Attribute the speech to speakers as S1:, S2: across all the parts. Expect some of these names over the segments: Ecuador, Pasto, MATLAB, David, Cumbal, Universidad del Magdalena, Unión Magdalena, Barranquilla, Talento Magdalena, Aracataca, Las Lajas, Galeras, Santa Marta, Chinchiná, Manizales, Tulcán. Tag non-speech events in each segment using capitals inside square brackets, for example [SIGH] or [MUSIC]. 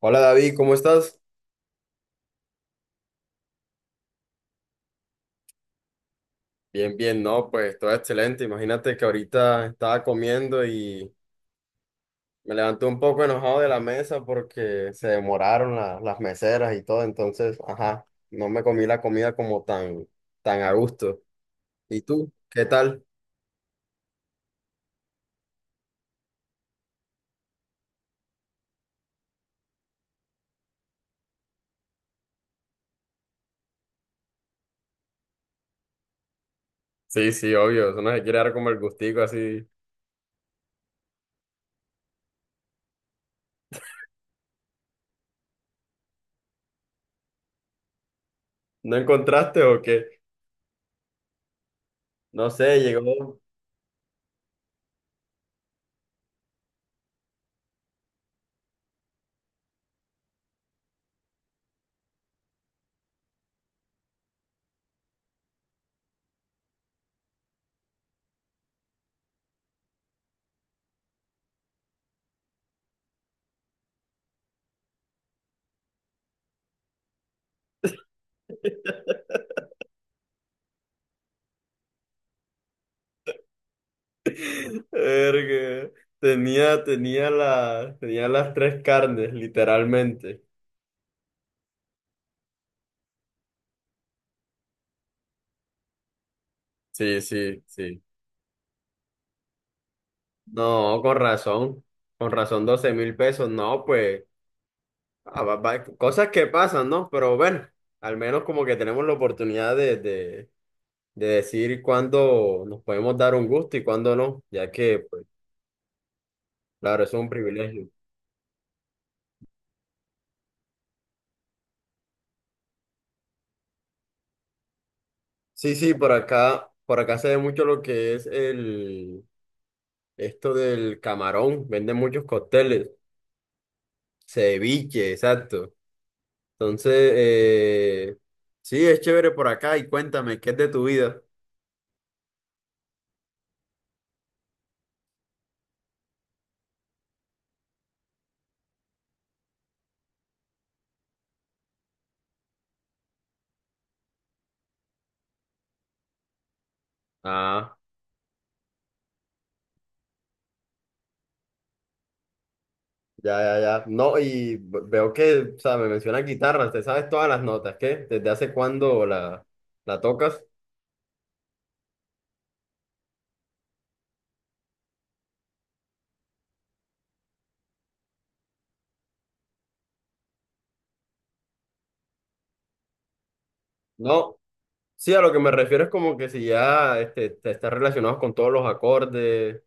S1: Hola David, ¿cómo estás? Bien, bien, no, pues todo excelente. Imagínate que ahorita estaba comiendo y me levanté un poco enojado de la mesa porque se demoraron las meseras y todo, entonces, ajá, no me comí la comida como tan, tan a gusto. ¿Y tú? ¿Qué tal? Sí, sí, obvio, eso no se quiere dar como el gustico así. ¿No encontraste o qué? No sé, llegó. [LAUGHS] Verga. Tenía las tres carnes, literalmente. Sí, sí, sí. No, con razón 12.000 pesos, no, pues, ah, cosas que pasan, ¿no? Pero bueno, al menos como que tenemos la oportunidad de decir cuándo nos podemos dar un gusto y cuándo no, ya que, pues, claro, eso es un privilegio. Sí, sí, por acá se ve mucho lo que es esto del camarón, venden muchos cócteles, ceviche, exacto. Entonces, sí, es chévere por acá y cuéntame, ¿qué es de tu vida? Ah. Ya, ya, ya. No, y veo que, o sea, me mencionas guitarra, te sabes todas las notas, ¿qué? ¿Desde hace cuándo la tocas? No, sí, a lo que me refiero es como que si ya te estás relacionado con todos los acordes,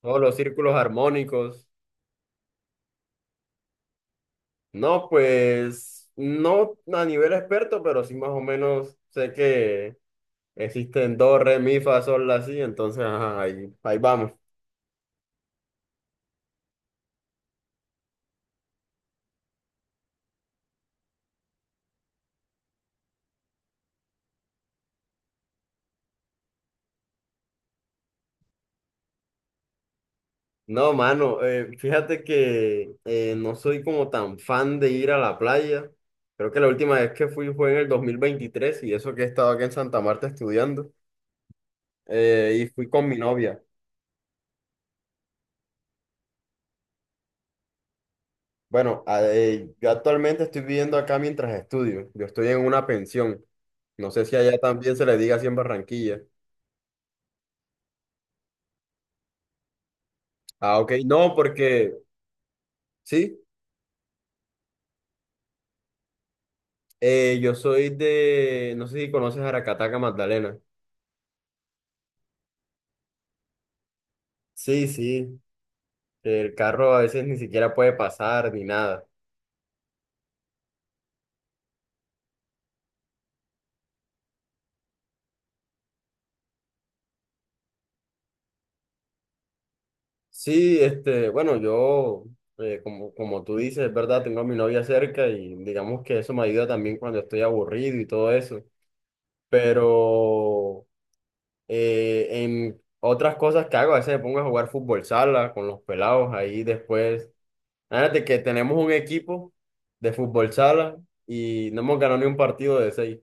S1: todos los círculos armónicos. No, pues, no a nivel experto, pero sí más o menos sé que existen do, re, mi, fa, sol, la, si, entonces, ajá, ahí, ahí vamos. No, mano, fíjate que no soy como tan fan de ir a la playa. Creo que la última vez que fui fue en el 2023 y eso que he estado aquí en Santa Marta estudiando. Y fui con mi novia. Bueno, yo actualmente estoy viviendo acá mientras estudio. Yo estoy en una pensión. No sé si allá también se le diga así en Barranquilla. Ah, ok. No, porque sí, yo soy de, no sé si conoces Aracataca, Magdalena. Sí, sí. El carro a veces ni siquiera puede pasar ni nada. Sí, bueno, como, como tú dices, es verdad, tengo a mi novia cerca y digamos que eso me ayuda también cuando estoy aburrido y todo eso. Pero en otras cosas que hago, a veces me pongo a jugar fútbol sala con los pelados ahí después. Fíjate que tenemos un equipo de fútbol sala y no hemos ganado ni un partido de seis.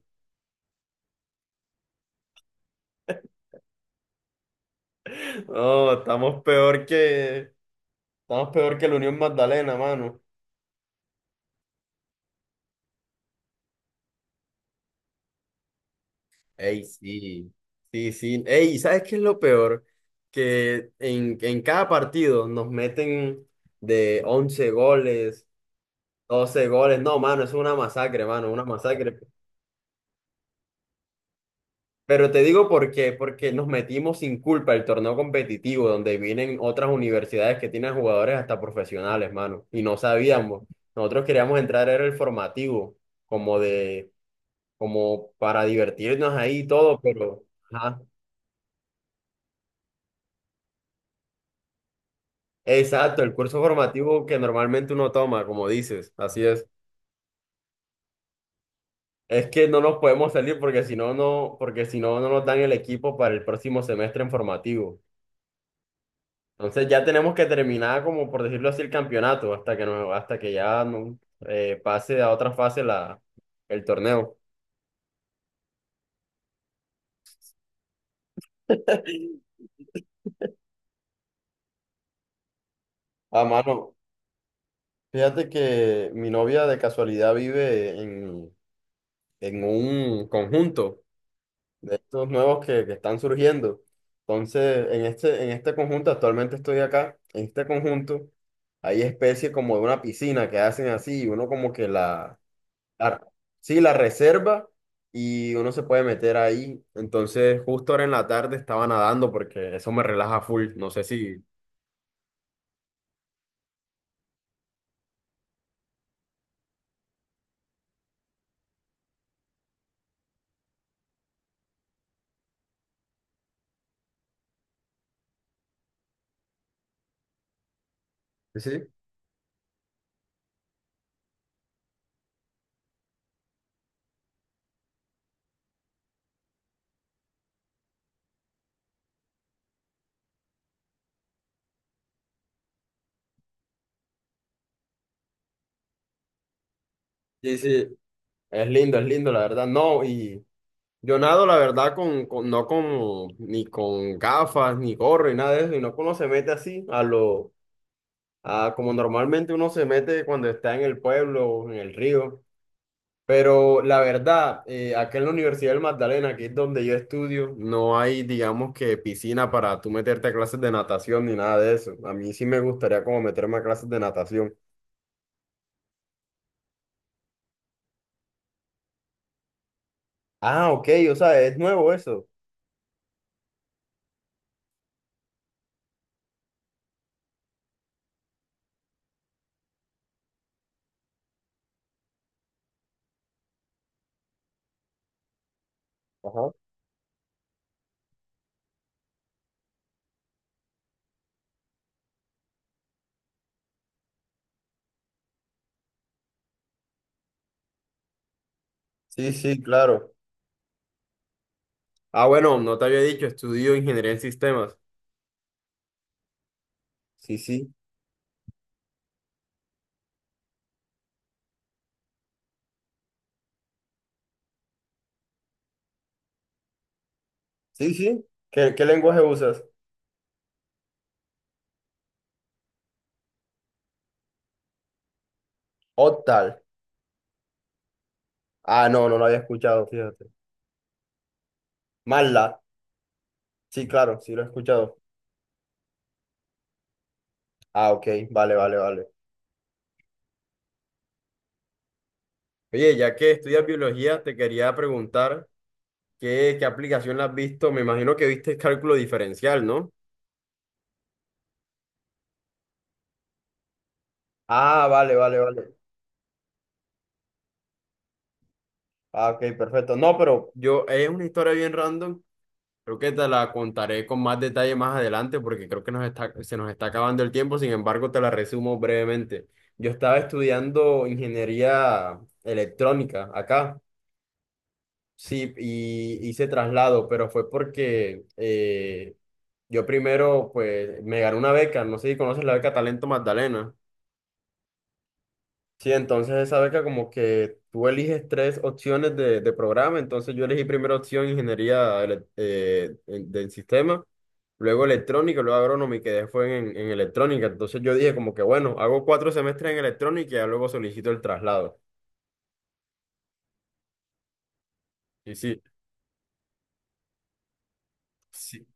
S1: [LAUGHS] No, estamos peor que la Unión Magdalena, mano. Ey, sí, sí, sí. Ey, ¿sabes qué es lo peor? Que en cada partido nos meten de 11 goles, 12 goles. No, mano, es una masacre, mano, una masacre. Pero te digo por qué, porque nos metimos sin culpa el torneo competitivo, donde vienen otras universidades que tienen jugadores hasta profesionales, mano, y no sabíamos. Nosotros queríamos entrar, era el formativo, como de, como para divertirnos ahí y todo, pero... Ajá. Exacto, el curso formativo que normalmente uno toma, como dices, así es. Es que no nos podemos salir porque porque si no, no nos dan el equipo para el próximo semestre en formativo. Entonces ya tenemos que terminar, como por decirlo así, el campeonato hasta que ya no, pase a otra fase el torneo. [LAUGHS] A mano, fíjate que mi novia de casualidad vive en un conjunto. De estos nuevos que están surgiendo. Entonces, en este conjunto, actualmente estoy acá, en este conjunto hay especies como de una piscina que hacen así, y uno como que la- sí, la reserva y uno se puede meter ahí. Entonces, justo ahora en la tarde estaba nadando porque eso me relaja full, no sé si... Sí, sí, sí. Es lindo, la verdad. No, y yo nado, la verdad, no con ni con gafas, ni gorro, y nada de eso, y no uno se mete así a lo, ah, como normalmente uno se mete cuando está en el pueblo o en el río. Pero la verdad, acá en la Universidad del Magdalena, que es donde yo estudio, no hay, digamos que, piscina para tú meterte a clases de natación ni nada de eso. A mí sí me gustaría como meterme a clases de natación. Ah, ok, o sea, es nuevo eso. Ajá. Sí, sí, claro. Ah, bueno, no te había dicho, estudio ingeniería en sistemas. Sí, sí. Sí, sí. ¿Qué lenguaje usas? Octal. Ah, no, no lo había escuchado, fíjate. MATLAB. Sí, claro, sí lo he escuchado. Ah, ok, vale, vale, vale. Oye, ya que estudias biología, te quería preguntar qué aplicación la has visto. Me imagino que viste el cálculo diferencial, ¿no? Ah, vale, vale, vale. Ah, ok, perfecto. No, pero yo, es una historia bien random. Creo que te la contaré con más detalle más adelante porque creo que se nos está acabando el tiempo. Sin embargo, te la resumo brevemente. Yo estaba estudiando ingeniería electrónica acá. Sí, y hice traslado, pero fue porque yo primero, pues, me gané una beca, no sé si conoces la beca Talento Magdalena. Sí, entonces esa beca como que tú eliges tres opciones de programa, entonces yo elegí primera opción ingeniería del sistema, luego electrónica, luego agrónoma y quedé fue en electrónica, entonces yo dije como que bueno, hago 4 semestres en electrónica y ya luego solicito el traslado. Y sí, sí,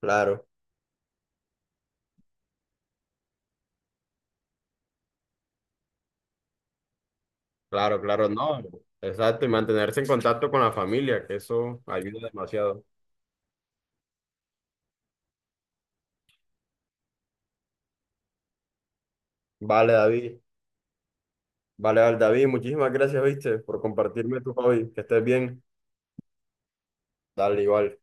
S1: claro. Claro, claro, no. Exacto, y mantenerse en contacto con la familia, que eso ayuda demasiado. Vale, David. Vale, vale, David, muchísimas gracias, viste, por compartirme tu hobby. Que estés bien. Dale, igual.